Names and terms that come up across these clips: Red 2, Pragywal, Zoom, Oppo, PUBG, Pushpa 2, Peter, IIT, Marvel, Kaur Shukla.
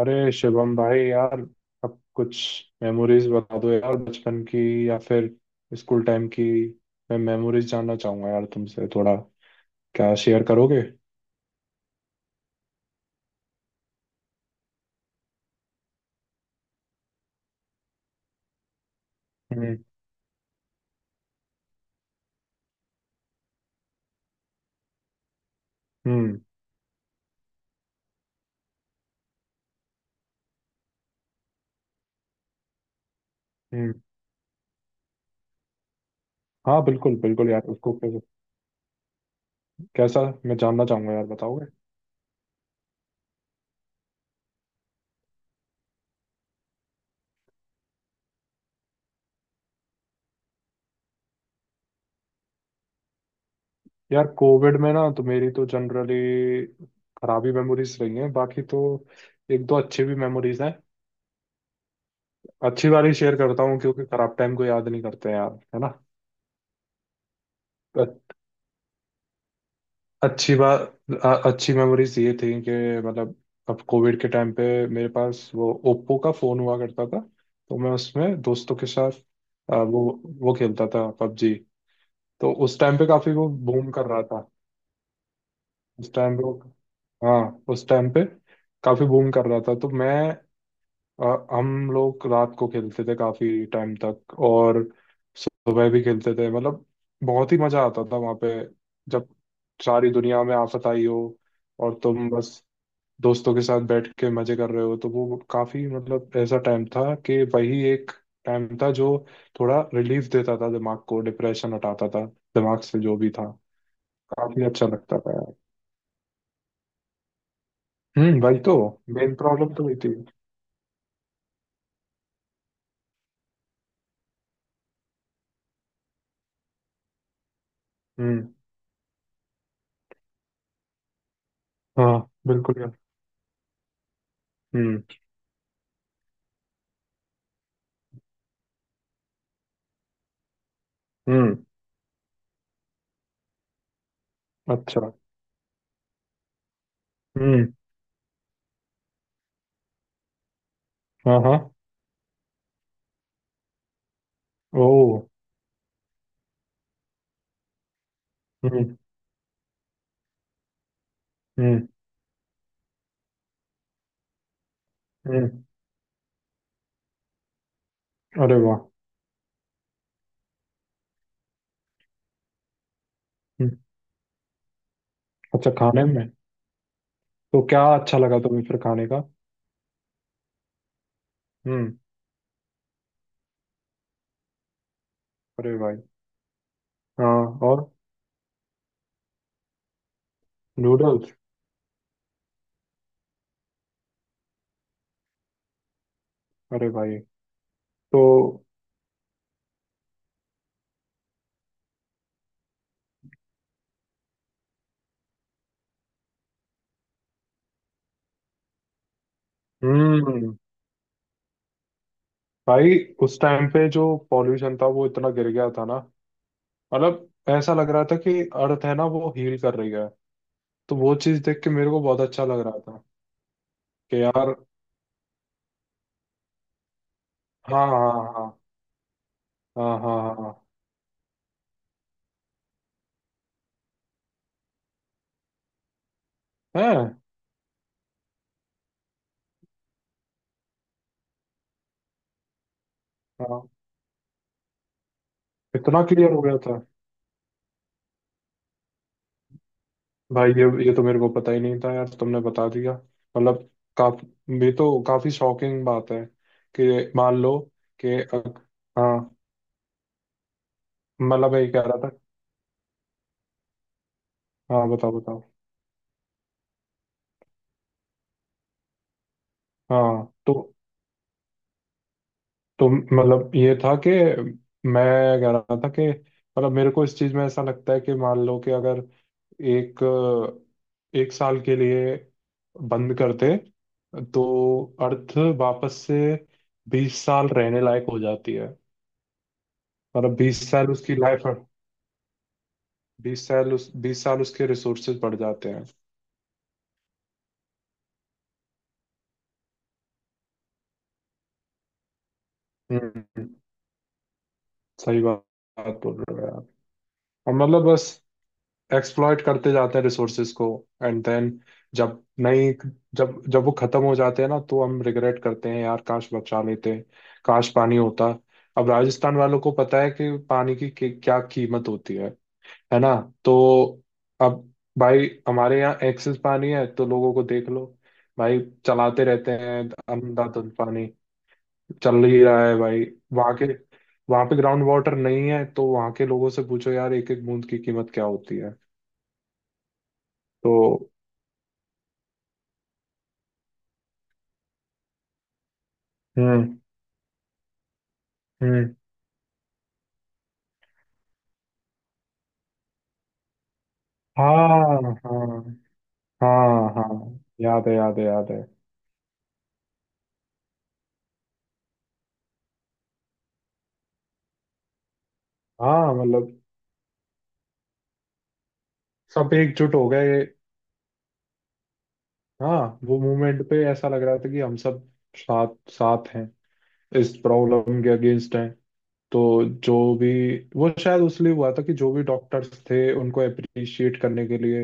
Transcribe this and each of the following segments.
अरे शिवम भाई यार, अब कुछ मेमोरीज बता दो यार, बचपन की या फिर स्कूल टाइम की। मैं मेमोरीज जानना चाहूंगा यार तुमसे थोड़ा। क्या शेयर करोगे? हम्म। हम्म। हम्म। हाँ बिल्कुल बिल्कुल यार, उसको कैसा मैं जानना चाहूंगा यार, बताओगे? यार कोविड में ना तो मेरी तो जनरली खराब ही मेमोरीज रही हैं बाकी तो एक दो अच्छी भी मेमोरीज हैं। अच्छी वाली शेयर करता हूँ क्योंकि खराब टाइम को याद नहीं करते यार, है ना। अच्छी बात। अच्छी मेमोरीज ये थी कि मतलब अब कोविड के टाइम पे मेरे पास वो ओप्पो का फोन हुआ करता था। तो मैं उसमें दोस्तों के साथ वो खेलता था पबजी। तो उस टाइम पे काफी वो बूम कर रहा था। उस टाइम पे वो, हाँ, उस टाइम पे काफी बूम कर रहा था तो मैं, अ, हम लोग रात को खेलते थे काफी टाइम तक, और सुबह भी खेलते थे मतलब बहुत ही मजा आता था वहां पे। जब सारी दुनिया में आफत आई हो, और तुम बस दोस्तों के साथ बैठ के मजे कर रहे हो, तो वो काफी मतलब ऐसा टाइम था कि वही एक टाइम था जो थोड़ा रिलीफ देता था, दिमाग को डिप्रेशन हटाता था दिमाग से जो भी था। काफी अच्छा लगता था यार। हम्म, वही तो मेन प्रॉब्लम तो वही थी। हम्म। हाँ बिल्कुल यार। हम्म। हम्म। अच्छा। हम्म। हाँ हाँ। ओ। हम्म। हम्म। हम्म। अरे वाह। हम्म। अच्छा, खाने में? तो क्या अच्छा लगा तुम्हें फिर खाने का? हम्म। अरे भाई। हाँ। और? नूडल्स? अरे भाई। तो हम्म। भाई उस टाइम पे जो पॉल्यूशन था वो इतना गिर गया था ना, मतलब ऐसा लग रहा था कि अर्थ है ना वो हील कर रही है। तो वो चीज देख के मेरे को बहुत अच्छा लग रहा था कि यार। हाँ हाँ हाँ हाँ। हाँ हाँ हाँ। हैं? हाँ। इतना क्लियर हो गया था। भाई ये तो मेरे को पता ही नहीं था यार, तो तुमने बता दिया। मतलब काफी, ये तो काफी शॉकिंग बात है। कि मान लो कि हाँ। मतलब यही कह रहा था। हाँ बताओ बताओ। हाँ। तो मतलब ये था कि मैं कह रहा था कि मतलब मेरे को इस चीज में ऐसा लगता है कि मान लो कि अगर एक एक साल के लिए बंद करते तो अर्थ वापस से 20 साल रहने लायक हो जाती है। और अब 20 साल उसकी लाइफ, 20 साल उस 20 साल उसके रिसोर्सेज बढ़ जाते हैं। हम्म। सही बात। बात बोल रहे हो यार। और मतलब बस एक्सप्लॉइट करते जाते हैं रिसोर्सेज को। एंड देन, जब नहीं, जब जब वो खत्म हो जाते हैं ना तो हम रिग्रेट करते हैं यार, काश बचा लेते, काश पानी होता। अब राजस्थान वालों को पता है कि पानी की क्या कीमत होती है ना। तो अब भाई, हमारे यहाँ एक्सेस पानी है तो लोगों को देख लो, भाई, चलाते रहते हैं अंधाधुंध पानी। चल ही रहा है भाई। वहां के वहां पे ग्राउंड वाटर नहीं है तो वहां के लोगों से पूछो यार, एक एक बूंद की कीमत क्या होती है। तो हम्म। हम्म। हाँ। हाँ हाँ। हाँ याद है याद है याद है। हाँ, मतलब सब एकजुट हो गए। हाँ, वो मूवमेंट पे ऐसा लग रहा था कि हम सब साथ साथ हैं, इस प्रॉब्लम के अगेंस्ट हैं। तो जो भी, वो शायद उसलिए हुआ था कि जो भी डॉक्टर्स थे उनको अप्रिशिएट करने के लिए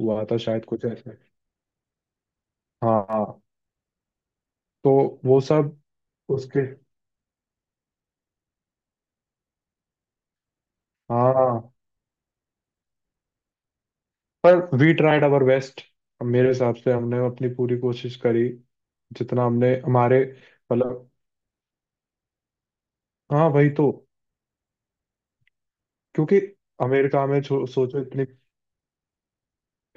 हुआ था शायद, कुछ ऐसे। हाँ हाँ। तो वो सब उसके। हाँ। पर वी ट्राइड आवर बेस्ट, मेरे हिसाब से हमने अपनी पूरी कोशिश करी जितना हमने हमारे मतलब। हाँ वही तो, क्योंकि अमेरिका में छो- सोचो इतनी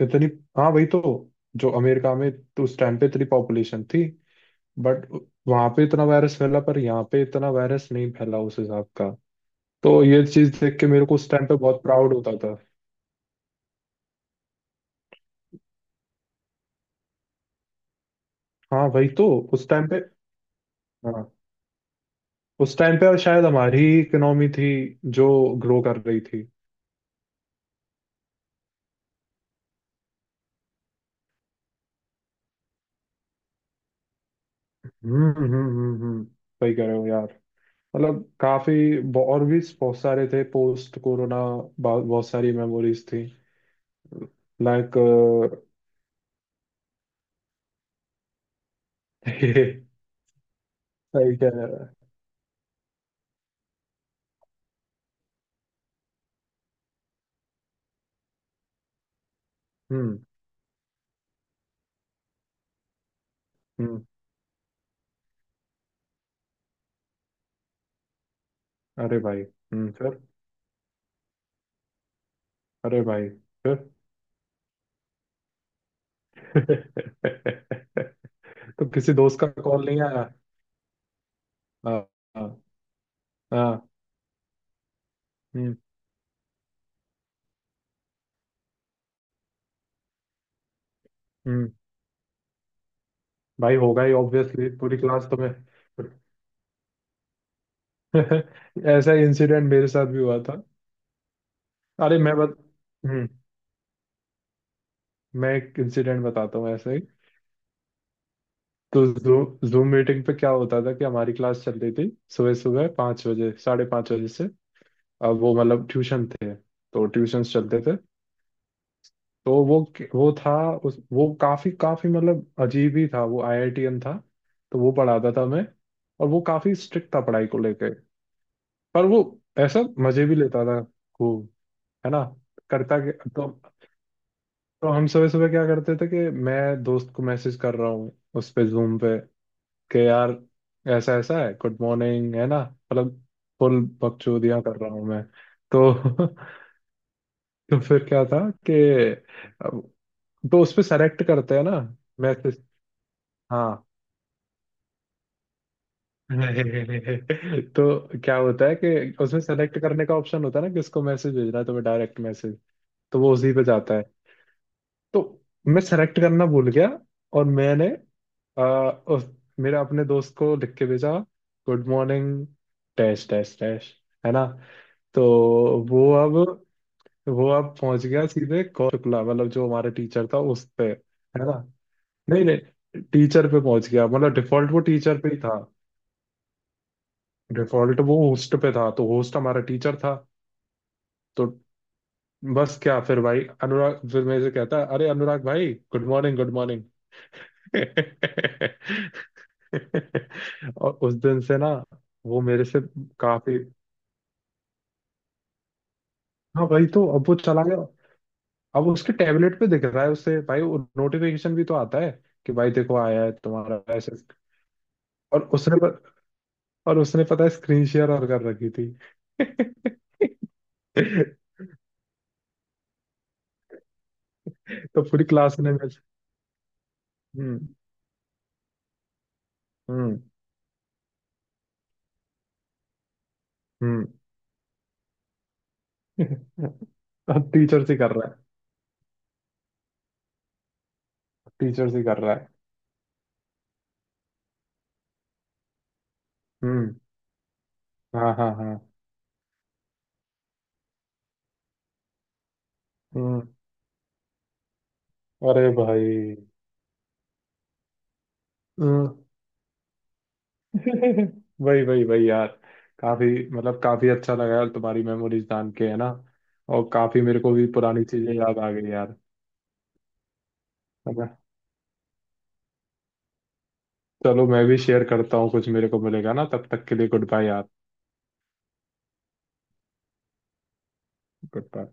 इतनी। हाँ वही तो, जो अमेरिका में, तो उस टाइम पे इतनी पॉपुलेशन थी, बट वहां पे इतना वायरस फैला, पर यहाँ पे इतना वायरस नहीं फैला उस हिसाब का। तो ये चीज देख के मेरे को उस टाइम पे बहुत प्राउड होता था। हाँ भाई, तो उस टाइम पे, हाँ, उस टाइम पे शायद हमारी ही इकोनॉमी थी जो ग्रो कर रही थी। हम्म। सही कह रहे हो यार। मतलब काफी, ब- और भी बहुत सारे थे पोस्ट कोरोना, बहुत सारी मेमोरीज थी। लाइक, सही कह रहे हो। हम्म। हम्म। अरे भाई। फिर। अरे भाई। तो किसी दोस्त का कॉल नहीं आया? हाँ। हाँ। हाँ, हम्म। हम्म। भाई होगा ही ऑब्वियसली, पूरी क्लास तो, मैं ऐसा इंसिडेंट मेरे साथ भी हुआ था। अरे मैं बत- हम्म। मैं एक इंसिडेंट बताता हूँ ऐसे ही। तो जूम मीटिंग पे क्या होता था कि हमारी क्लास चल रही थी सुबह सुबह 5 बजे, 5:30 बजे से। अब वो मतलब ट्यूशन थे तो ट्यूशन चलते थे। तो वो था उस वो काफी काफी मतलब अजीब ही था, वो आईआईटीएन था। तो वो पढ़ाता था मैं, और वो काफी स्ट्रिक्ट था पढ़ाई को लेके। पर वो ऐसा मजे भी लेता था खूब, है ना। तो हम सुबह सुबह क्या करते थे कि मैं दोस्त को मैसेज कर रहा हूँ उस पे, जूम पे। कि यार, ऐसा ऐसा है, गुड मॉर्निंग, है ना, मतलब फुल बकचोदियां कर रहा हूँ मैं। तो तो फिर क्या था कि अब- तो उस पे सेलेक्ट करते हैं ना मैसेज। हाँ तो क्या होता है कि उसमें सेलेक्ट करने का ऑप्शन होता है ना, किसको मैसेज भेजना है तुम्हें, डायरेक्ट मैसेज। तो वो उसी पे जाता है। तो मैं सेलेक्ट करना भूल गया और मैंने आ, उस, मेरे अपने दोस्त को लिख के भेजा, good morning dash dash dash, है ना। तो वो अब, वो अब पहुंच गया सीधे कौर शुक्ला, मतलब जो हमारा टीचर था उस पे, है ना। नहीं नहीं, टीचर पे पहुंच गया, मतलब डिफॉल्ट वो टीचर पे ही था। डिफॉल्ट वो होस्ट पे था तो होस्ट हमारा टीचर था। तो बस क्या, फिर भाई अनुराग फिर मेरे से कहता है, अरे अनुराग भाई गुड मॉर्निंग गुड मॉर्निंग। और उस दिन से ना वो मेरे से काफी। हाँ भाई, तो अब वो चला गया। अब उसके टैबलेट पे दिख रहा है उससे, भाई नोटिफिकेशन भी तो आता है, कि भाई देखो आया है तुम्हारा ऐसे। और और उसने पता है स्क्रीन शेयर और कर रखी थी। तो पूरी क्लास ने मेरे से-, हम्म। हम्म। हम्म। टीचर से कर रहा है। टीचर से कर रहा है। हम्म। हाँ हाँ हाँ। हम्म। अरे भाई। हम्म। वही वही वही यार, काफी मतलब काफी अच्छा लगा यार तुम्हारी मेमोरीज जान के, है ना। और काफी मेरे को भी पुरानी चीजें याद आ गई यार। अब- चलो मैं भी शेयर करता हूँ कुछ, मेरे को मिलेगा ना तब तक के लिए, गुड बाय यार। Good bye.